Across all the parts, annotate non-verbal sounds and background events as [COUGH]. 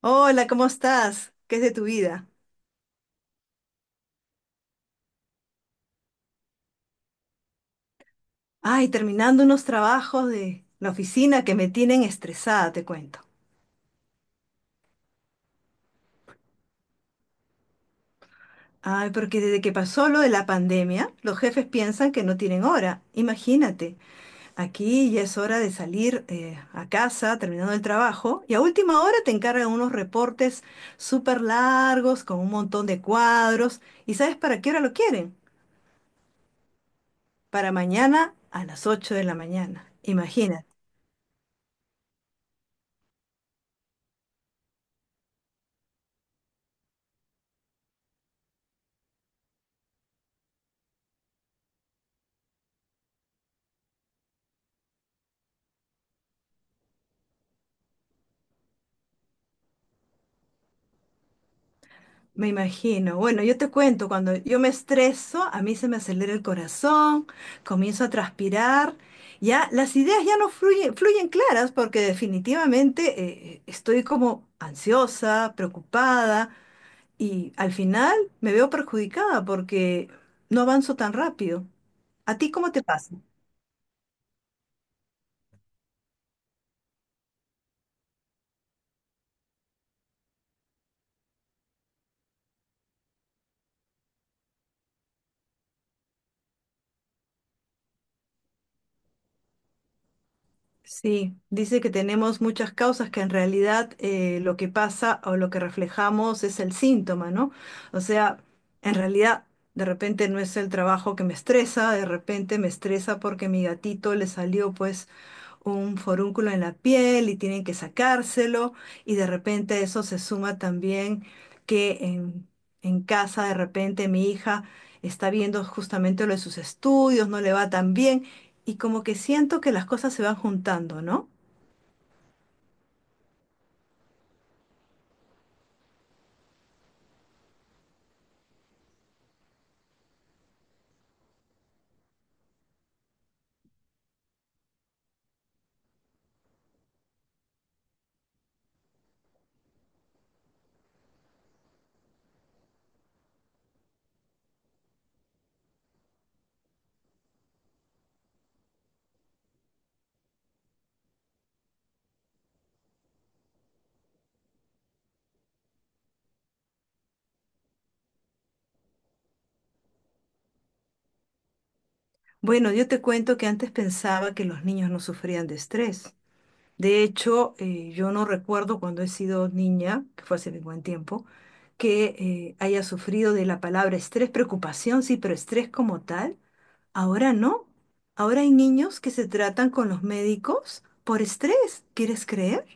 Hola, ¿cómo estás? ¿Qué es de tu vida? Ay, terminando unos trabajos de la oficina que me tienen estresada, te cuento. Ay, porque desde que pasó lo de la pandemia, los jefes piensan que no tienen hora. Imagínate, aquí ya es hora de salir a casa terminando el trabajo y a última hora te encargan unos reportes súper largos con un montón de cuadros. ¿Y sabes para qué hora lo quieren? Para mañana a las 8 de la mañana. Imagínate. Me imagino. Bueno, yo te cuento, cuando yo me estreso, a mí se me acelera el corazón, comienzo a transpirar, ya las ideas ya no fluyen claras porque definitivamente estoy como ansiosa, preocupada y al final me veo perjudicada porque no avanzo tan rápido. ¿A ti cómo te pasa? Sí, dice que tenemos muchas causas que en realidad lo que pasa o lo que reflejamos es el síntoma, ¿no? O sea, en realidad de repente no es el trabajo que me estresa, de repente me estresa porque mi gatito le salió pues un forúnculo en la piel y tienen que sacárselo y de repente eso se suma también que en casa de repente mi hija está viendo justamente lo de sus estudios, no le va tan bien y como que siento que las cosas se van juntando, ¿no? Bueno, yo te cuento que antes pensaba que los niños no sufrían de estrés. De hecho, yo no recuerdo cuando he sido niña, que fue hace buen tiempo, que haya sufrido de la palabra estrés, preocupación, sí, pero estrés como tal. Ahora no. Ahora hay niños que se tratan con los médicos por estrés. ¿Quieres creer?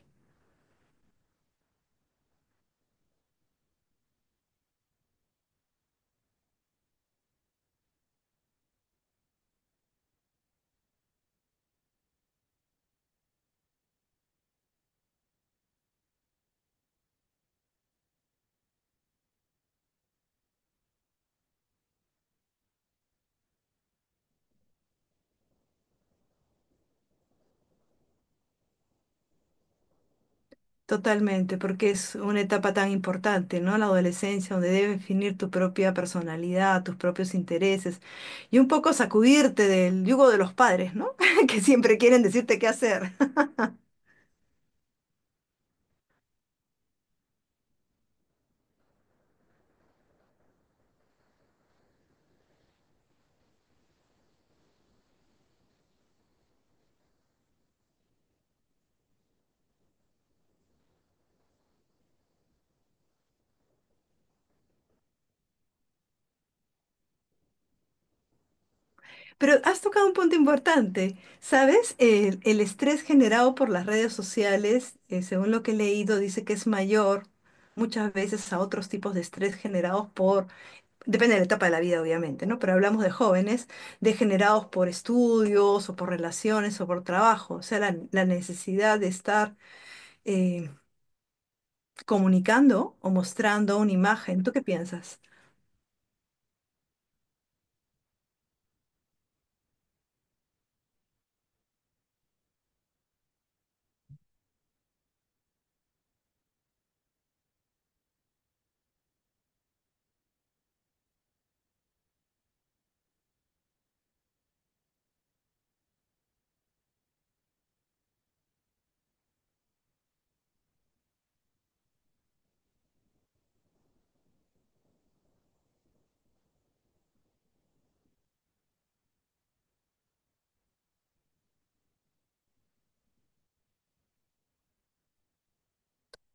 Totalmente, porque es una etapa tan importante, ¿no? La adolescencia, donde debes definir tu propia personalidad, tus propios intereses y un poco sacudirte del yugo de los padres, ¿no? [LAUGHS] Que siempre quieren decirte qué hacer. [LAUGHS] Pero has tocado un punto importante, ¿sabes? El estrés generado por las redes sociales, según lo que he leído, dice que es mayor muchas veces a otros tipos de estrés generados por Depende de la etapa de la vida, obviamente, ¿no? Pero hablamos de jóvenes degenerados por estudios o por relaciones o por trabajo. O sea, la necesidad de estar eh, comunicando o mostrando una imagen. ¿Tú qué piensas?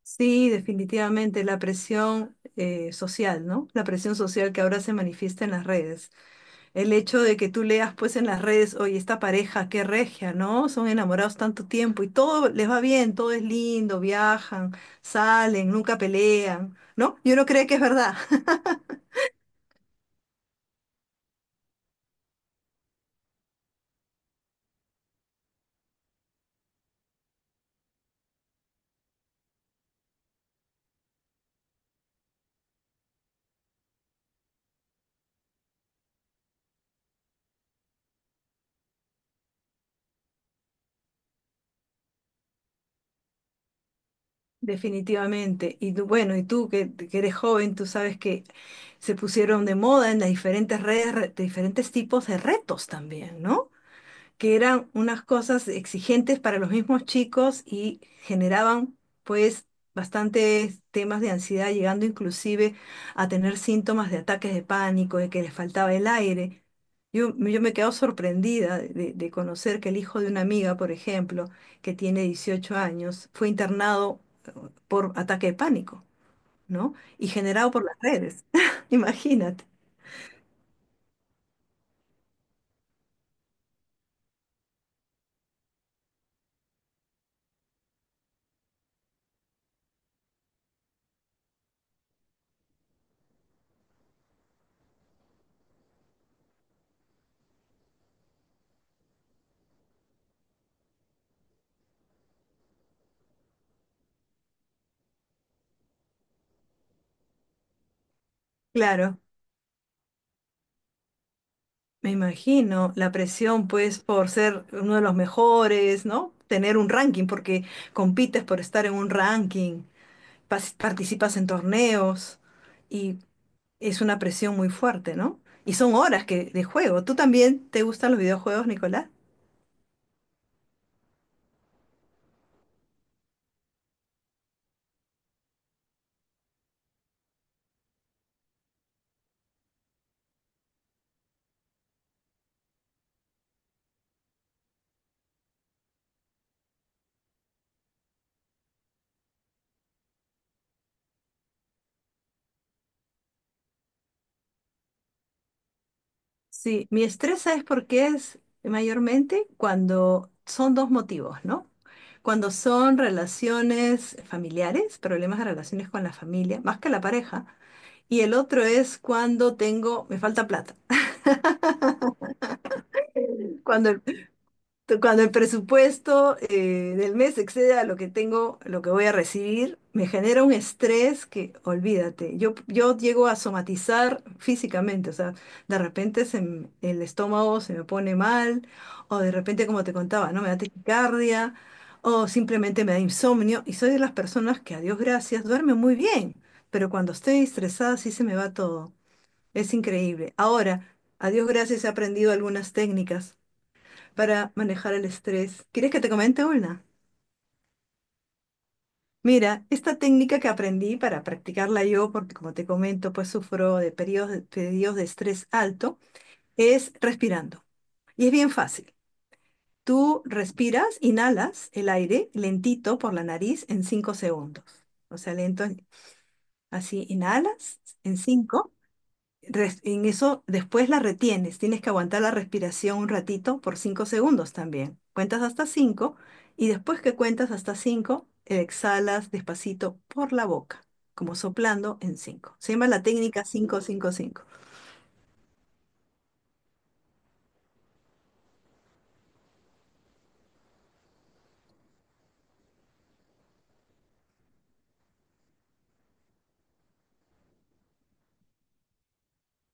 Sí, definitivamente la presión social, ¿no? La presión social que ahora se manifiesta en las redes. El hecho de que tú leas pues en las redes, oye, esta pareja, qué regia, ¿no? Son enamorados tanto tiempo y todo les va bien, todo es lindo, viajan, salen, nunca pelean, ¿no? Yo no creo que es verdad. [LAUGHS] Definitivamente. Y tú, bueno, y tú que eres joven, tú sabes que se pusieron de moda en las diferentes redes, diferentes tipos de retos también, ¿no? Que eran unas cosas exigentes para los mismos chicos y generaban pues bastantes temas de ansiedad, llegando inclusive a tener síntomas de ataques de pánico, de que les faltaba el aire. Yo me quedo sorprendida de conocer que el hijo de una amiga, por ejemplo, que tiene 18 años, fue internado eh, por ataque de pánico, ¿no? Y generado por las redes. [LAUGHS] Imagínate. Claro. Me imagino la presión, pues, por ser uno de los mejores, ¿no? Tener un ranking, porque compites por estar en un ranking, participas en torneos y es una presión muy fuerte, ¿no? Y son horas que, de juego. ¿Tú también te gustan los videojuegos, Nicolás? Sí, mi estrés, ¿sabes por qué es mayormente? Cuando son dos motivos, ¿no? Cuando son relaciones familiares, problemas de relaciones con la familia, más que la pareja. Y el otro es cuando tengo, me falta plata. Cuando el Cuando el presupuesto del mes excede a lo que tengo, lo que voy a recibir, me genera un estrés que, olvídate, yo llego a somatizar físicamente, o sea, de repente el estómago se me pone mal, o de repente, como te contaba, ¿no? Me da taquicardia, o simplemente me da insomnio, y soy de las personas que, a Dios gracias, duerme muy bien, pero cuando estoy estresada sí se me va todo, es increíble. Ahora, a Dios gracias he aprendido algunas técnicas para manejar el estrés. ¿Quieres que te comente una? Mira, esta técnica que aprendí para practicarla yo, porque como te comento, pues sufro de periodos de estrés alto, es respirando. Y es bien fácil. Tú respiras, inhalas el aire lentito por la nariz en 5 segundos. O sea, lento, así inhalas en 5. En eso después la retienes, tienes que aguantar la respiración un ratito por 5 segundos también. Cuentas hasta 5 y después que cuentas hasta 5 exhalas despacito por la boca, como soplando en 5. Se llama la técnica 5 5 5.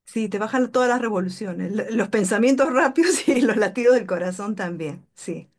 Sí, te bajan todas las revoluciones, los pensamientos rápidos [LAUGHS] y los latidos del corazón también. Sí,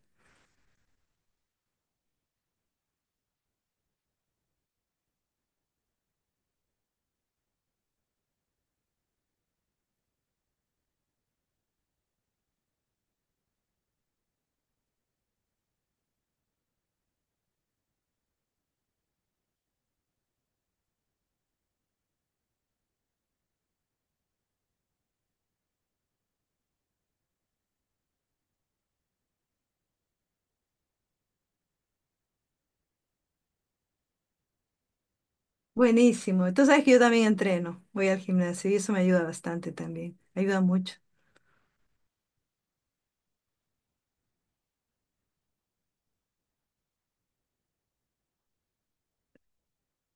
buenísimo. Tú sabes que yo también entreno, voy al gimnasio y eso me ayuda bastante también. Ayuda mucho.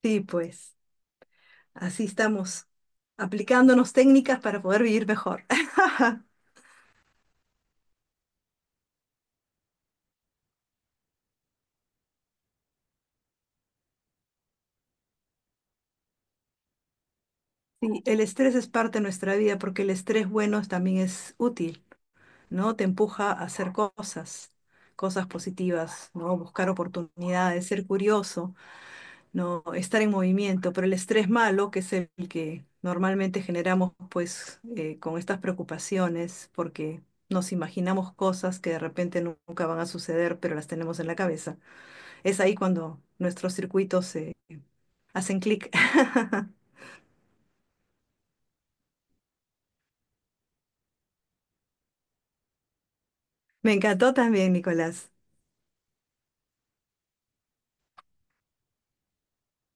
Sí, pues. Así estamos, aplicándonos técnicas para poder vivir mejor. [LAUGHS] Sí, el estrés es parte de nuestra vida porque el estrés bueno también es útil, ¿no? Te empuja a hacer cosas, cosas positivas, ¿no? Buscar oportunidades, ser curioso, ¿no? Estar en movimiento, pero el estrés malo, que es el que normalmente generamos pues con estas preocupaciones porque nos imaginamos cosas que de repente nunca van a suceder, pero las tenemos en la cabeza. Es ahí cuando nuestros circuitos se hacen clic. [LAUGHS] Me encantó también, Nicolás.